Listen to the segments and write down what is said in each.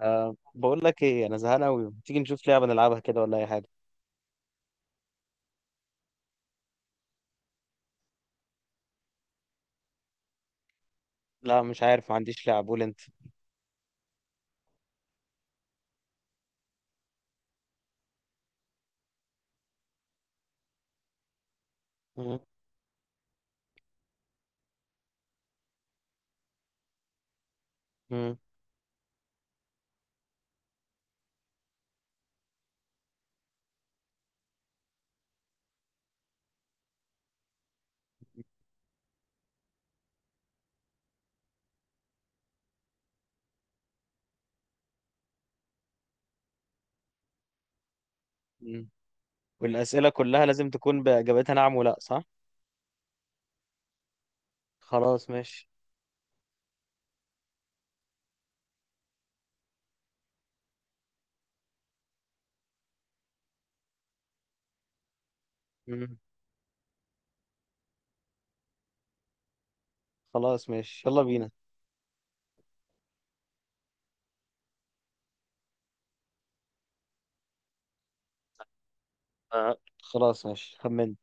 أه بقول لك ايه، انا زهقان قوي. ما تيجي نشوف لعبه نلعبها كده، ولا اي حاجه؟ لا، مش عارف، ما عنديش لعب، قول انت. مم، مم، مم. والاسئله كلها لازم تكون باجابتها نعم ولا صح؟ خلاص ماشي. مم. خلاص ماشي، يلا بينا. أه خلاص ماشي، خمن.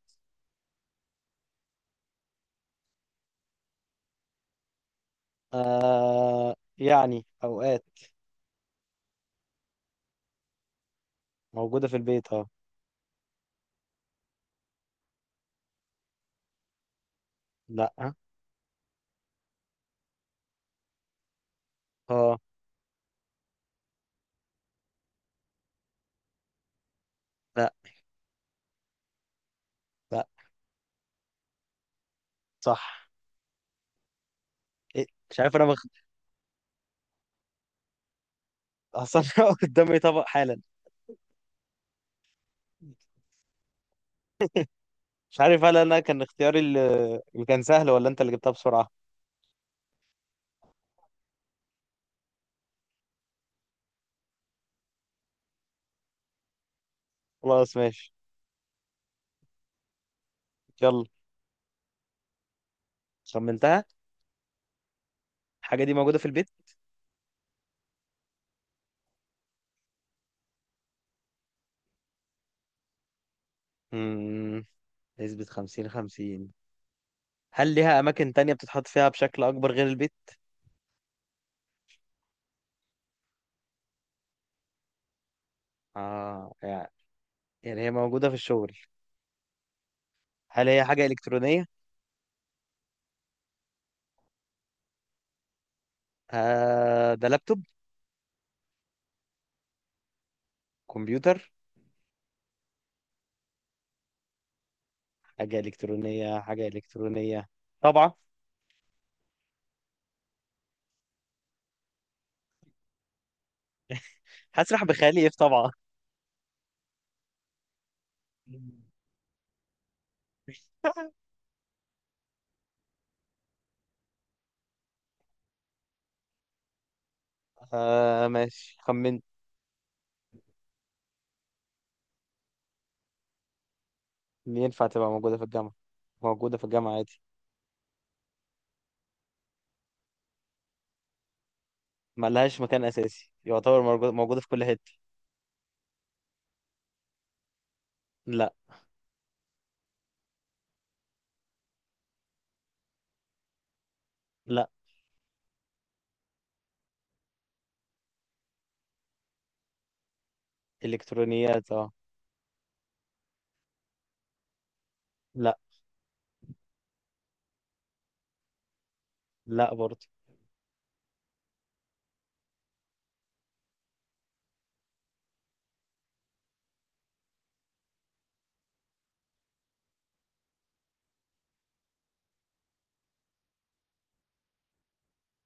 أه، يعني اوقات. موجوده في البيت، اه. لا. اه. لا. لا. صح. إيه؟ مش عارف انا. اصلا قدامي طبق حالا. مش عارف، هل انا كان اختياري اللي كان سهل، ولا انت اللي جبتها بسرعه؟ خلاص ماشي. يلا. خمنتها. الحاجة دي موجودة في البيت. مم. نسبة خمسين خمسين. هل ليها أماكن تانية بتتحط فيها بشكل أكبر غير البيت؟ آه يعني. يعني هي موجودة في الشغل. هل هي حاجة إلكترونية؟ آه، ده لابتوب. كمبيوتر. حاجة إلكترونية، حاجة إلكترونية. طبعة. هسرح بخيالي إيه في طبعة؟ آه ماشي، خمنت. ينفع تبقى موجودة في الجامعة؟ موجودة في الجامعة عادي. ملهاش مكان أساسي يعتبر، موجودة في كل حتة. لا. لا. إلكترونيات، اه. لا. لا برضه.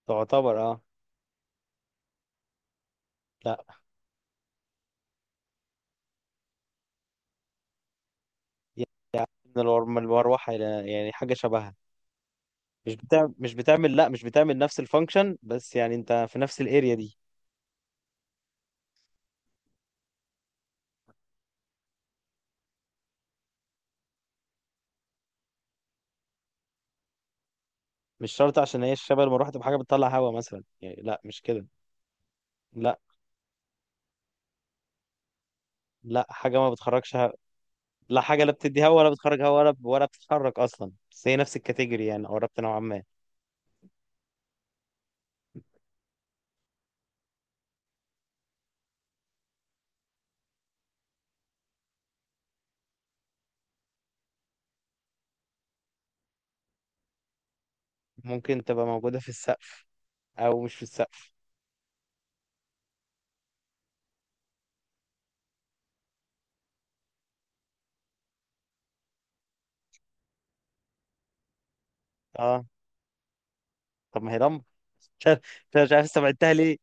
تعتبر اه. لا. يعني. من المروحة. يعني حاجة شبهها. مش بتعمل مش بتعمل لا، مش بتعمل نفس الفانكشن، بس يعني انت في نفس الاريا دي. مش شرط عشان هي الشبه المروحة تبقى حاجة بتطلع هوا مثلا، يعني لا، مش كده. لا. لا، حاجة ما بتخرجش هوا. لا، حاجة لا بتدي هوا ولا بتخرج هوا، ولا بتتحرك أصلا، بس هي نفس الكاتيجوري يعني، قربت نوعا ما. ممكن تبقى موجودة في السقف، أو مش في السقف. اه. طب ما هي لمبة. مش عارف. مش عارف استبعدتها ليه.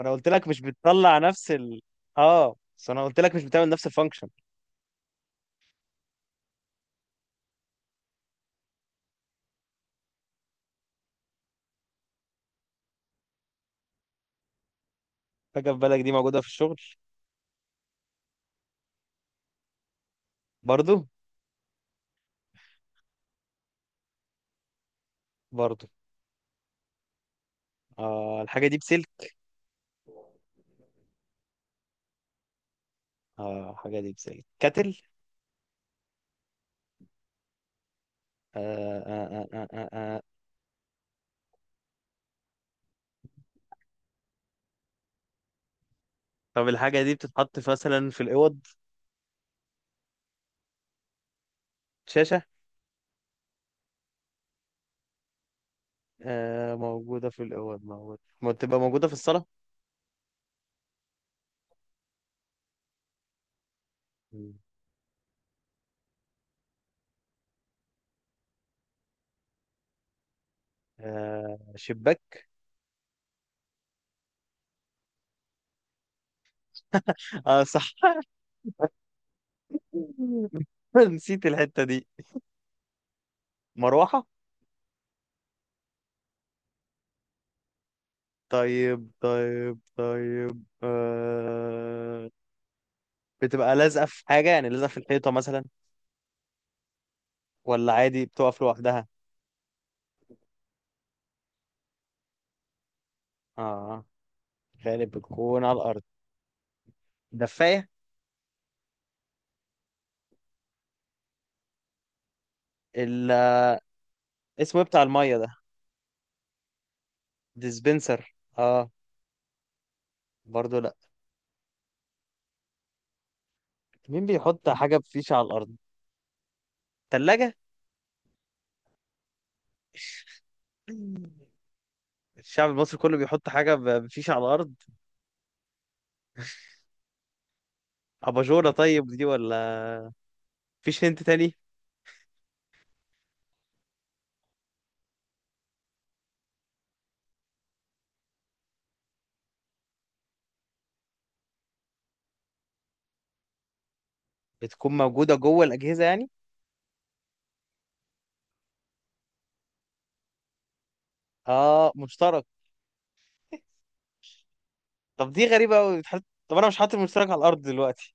انا قلت لك مش بتطلع نفس ال. اه، بس انا قلت لك مش بتعمل نفس الفانكشن. فجأة، في بالك دي موجودة في الشغل. برضو. برضو. آه، الحاجة دي بسلك. اه، الحاجة دي بسلك كاتل. آه، آه، آه، آه، آه. آه. طب الحاجة دي بتتحط مثلا في الأوض. شاشة. آه موجودة في الأوض، موجودة، ما تبقى موجودة في الصالة. مم. آه، شباك. اه صح. نسيت الحتة دي. مروحة. طيب، طيب، طيب، آه. بتبقى لازقة في حاجة، يعني لازقة في الحيطة مثلا، ولا عادي بتقف لوحدها؟ اه، غالب بتكون على الأرض. دفاية. ال- اسمه إيه بتاع المية ده؟ ديسبنسر اه. برضو لا. مين بيحط حاجة بفيشة على الأرض؟ تلاجة. الشعب المصري كله بيحط حاجة بفيشة على الأرض. أباجورة طيب دي، ولا فيش هنت تاني؟ بتكون موجودة جوه الأجهزة يعني. اه، مشترك. طب دي غريبة أوي. طب أنا مش حاطط المشترك على الأرض دلوقتي،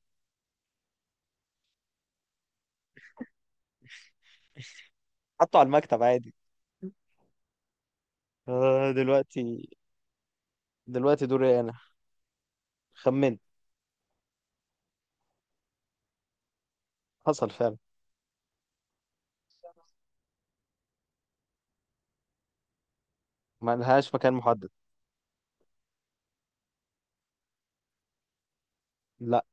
حاطه على المكتب عادي. آه دلوقتي دوري انا. خمنت. حصل فعلا. ما لهاش مكان محدد. لا.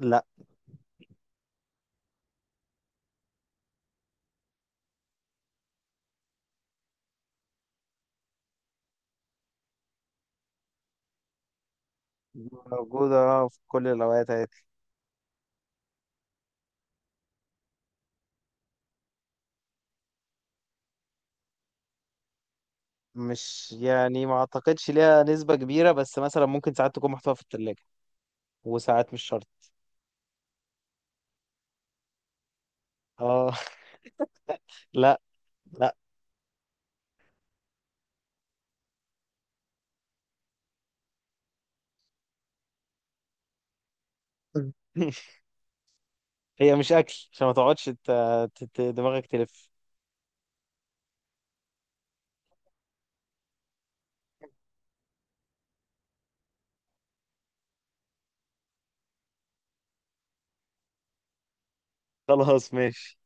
لا. موجودة في كل الأوقات عادي. مش يعني، ما أعتقدش ليها نسبة كبيرة، بس مثلا ممكن ساعات تكون محطوطة في التلاجة، وساعات مش شرط. اه. لا. لا. هي مش أكل عشان ما تقعدش دماغك تلف. خلاص ماشي.